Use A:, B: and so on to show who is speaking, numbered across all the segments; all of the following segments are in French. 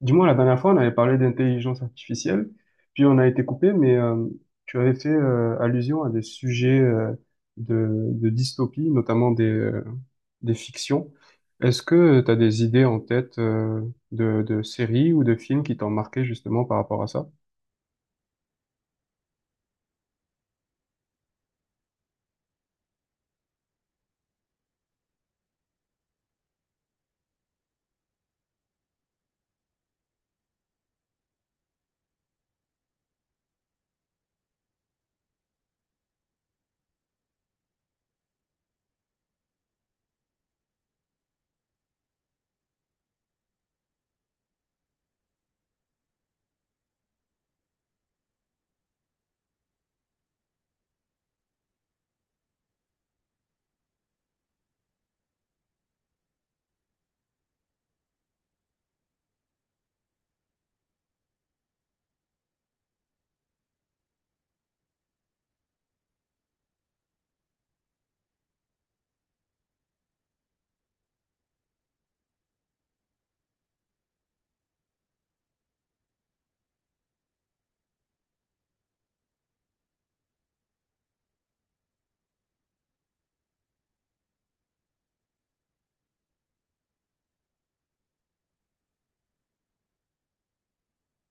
A: Du moins, la dernière fois, on avait parlé d'intelligence artificielle, puis on a été coupé, mais tu avais fait allusion à des sujets de dystopie, notamment des fictions. Est-ce que tu as des idées en tête de séries ou de films qui t'ont marqué justement par rapport à ça?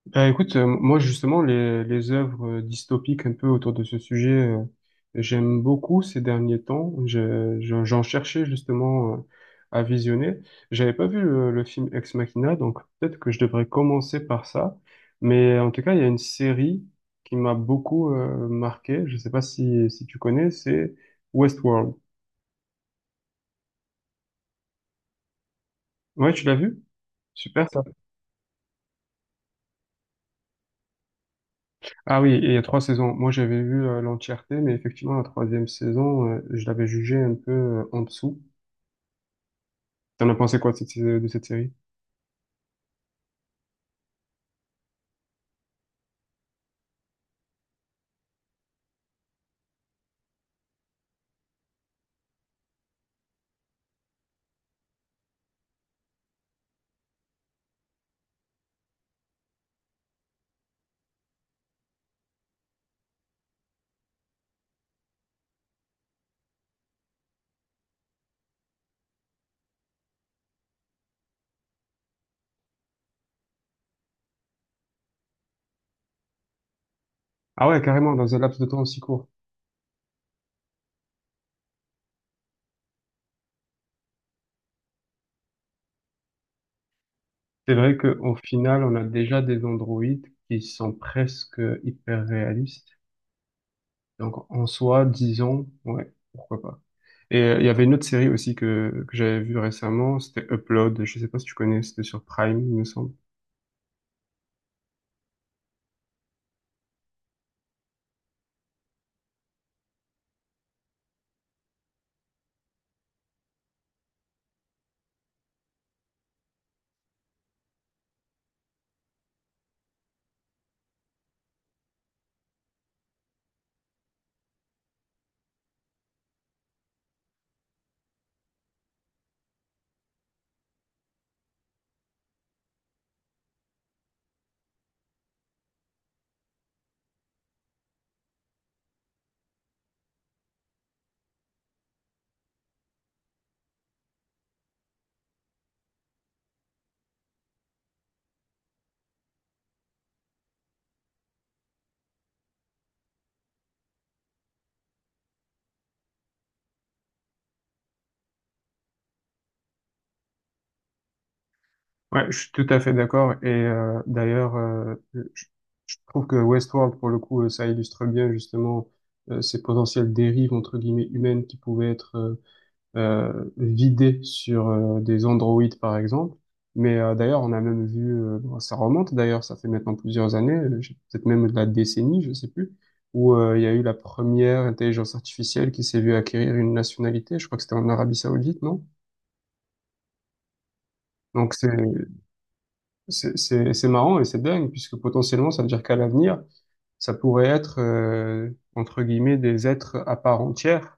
A: Bah, écoute, moi justement, les œuvres dystopiques un peu autour de ce sujet, j'aime beaucoup ces derniers temps. J'en cherchais justement à visionner. J'avais pas vu le film Ex Machina, donc peut-être que je devrais commencer par ça. Mais en tout cas, il y a une série qui m'a beaucoup marqué. Je sais pas si tu connais, c'est Westworld. Ouais, tu l'as vu? Super ça. Ah oui, et il y a trois saisons. Moi, j'avais vu l'entièreté, mais effectivement, la troisième saison, je l'avais jugée un peu en dessous. T'en as pensé quoi de cette série? Ah ouais, carrément, dans un laps de temps aussi court. C'est vrai qu'au final, on a déjà des androïdes qui sont presque hyper réalistes. Donc, en soi, disons, ouais, pourquoi pas. Et il y avait une autre série aussi que j'avais vue récemment, c'était Upload. Je sais pas si tu connais, c'était sur Prime, il me semble. Ouais, je suis tout à fait d'accord. Et d'ailleurs, je trouve que Westworld, pour le coup, ça illustre bien justement ces potentielles dérives entre guillemets humaines qui pouvaient être vidées sur des androïdes, par exemple. Mais d'ailleurs, on a même vu, bon, ça remonte d'ailleurs, ça fait maintenant plusieurs années, peut-être même de la décennie, je sais plus, où il y a eu la première intelligence artificielle qui s'est vue acquérir une nationalité. Je crois que c'était en Arabie Saoudite, non? Donc c'est marrant et c'est dingue, puisque potentiellement, ça veut dire qu'à l'avenir, ça pourrait être, entre guillemets, des êtres à part entière.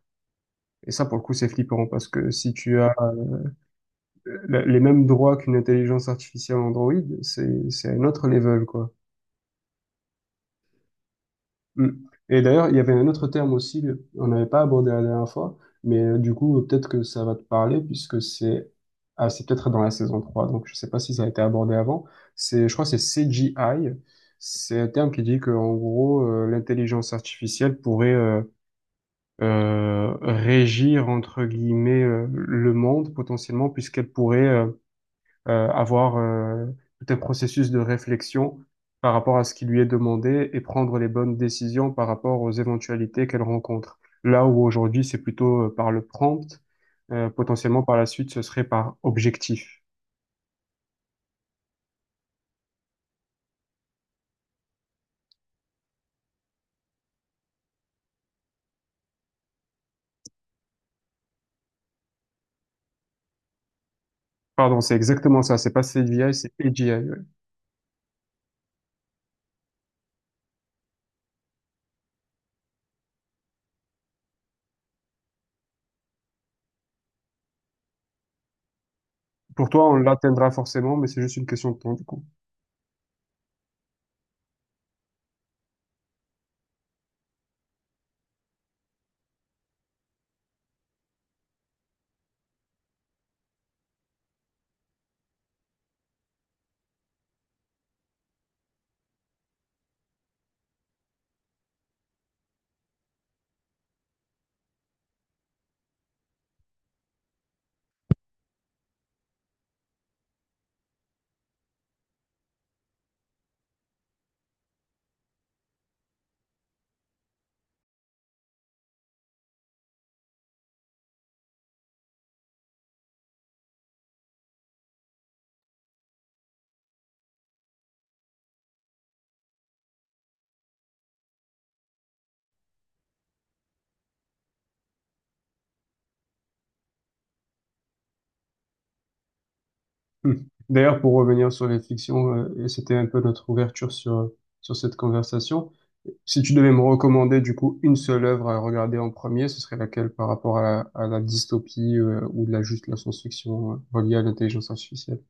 A: Et ça, pour le coup, c'est flippant, parce que si tu as les mêmes droits qu'une intelligence artificielle Android, c'est un autre level, quoi. Mm. Et d'ailleurs, il y avait un autre terme aussi, on n'avait pas abordé la dernière fois, mais du coup, peut-être que ça va te parler, puisque c'est peut-être dans la saison 3, donc je sais pas si ça a été abordé avant. Je crois que c'est CGI. C'est un terme qui dit que, en gros, l'intelligence artificielle pourrait régir, entre guillemets, le monde potentiellement, puisqu'elle pourrait avoir tout un processus de réflexion par rapport à ce qui lui est demandé et prendre les bonnes décisions par rapport aux éventualités qu'elle rencontre. Là où aujourd'hui, c'est plutôt par le prompt, potentiellement par la suite, ce serait par objectif. Pardon, c'est exactement ça, c'est pas CDI, c'est AGI. Ouais. Pour toi, on l'atteindra forcément, mais c'est juste une question de temps, du coup. Hmm. D'ailleurs, pour revenir sur les fictions, et c'était un peu notre ouverture sur cette conversation, si tu devais me recommander du coup une seule œuvre à regarder en premier, ce serait laquelle par rapport à la dystopie ou de la juste la science-fiction reliée à l'intelligence artificielle?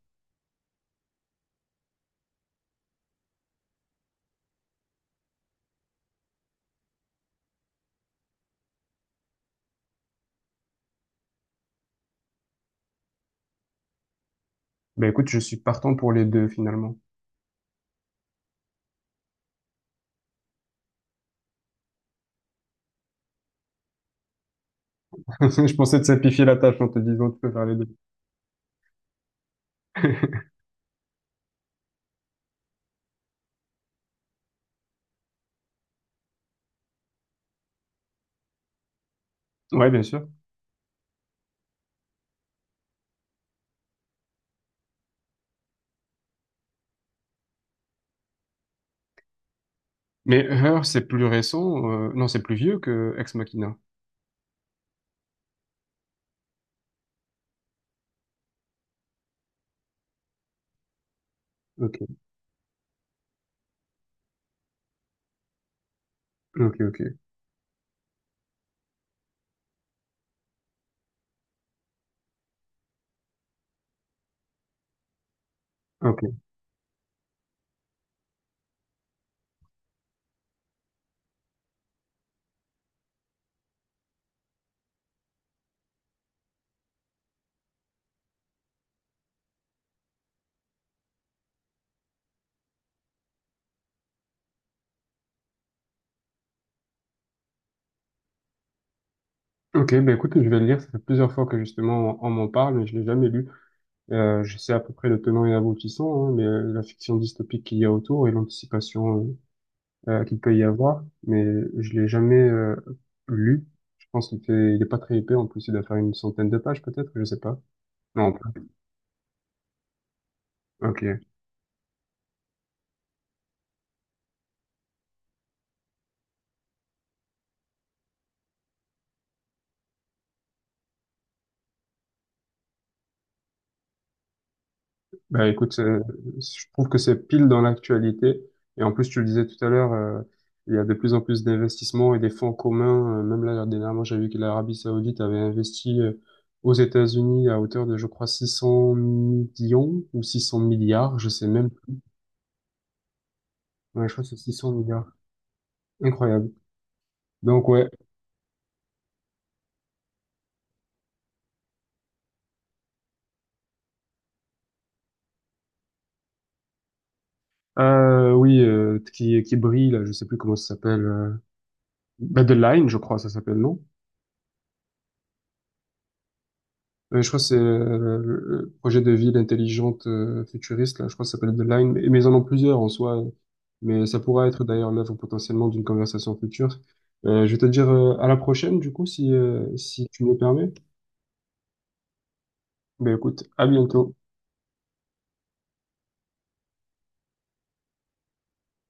A: Ben écoute, je suis partant pour les deux finalement. Je pensais te simplifier la tâche en te disant tu peux faire les deux. Ouais, bien sûr. Mais Her, c'est plus récent, non, c'est plus vieux que Ex Machina. Ok, ok, ok. Ok. Ok, bah écoute, je vais le lire. Ça fait plusieurs fois que justement on m'en parle, mais je l'ai jamais lu. Je sais à peu près le tenant et aboutissant, hein, mais la fiction dystopique qu'il y a autour et l'anticipation qu'il peut y avoir, mais je l'ai jamais lu. Je pense qu'il fait, il est pas très épais. En plus, il doit faire une centaine de pages peut-être, je sais pas. Non, ok. Bah écoute, je trouve que c'est pile dans l'actualité. Et en plus, tu le disais tout à l'heure, il y a de plus en plus d'investissements et des fonds communs. Même là, dernièrement, j'ai vu que l'Arabie Saoudite avait investi aux États-Unis à hauteur de, je crois, 600 millions ou 600 milliards, je sais même. Ouais, je crois que c'est 600 milliards. Incroyable. Donc ouais, oui, qui brille là, je sais plus comment ça s'appelle. Line, je crois, ça s'appelle, non? Ouais, je crois que c'est le projet de ville intelligente futuriste, là, je crois que ça s'appelle The Line, mais ils en ont plusieurs en soi, mais ça pourra être d'ailleurs l'œuvre potentiellement d'une conversation future. Je vais te dire à la prochaine, du coup, si tu me le permets. Ben écoute, à bientôt.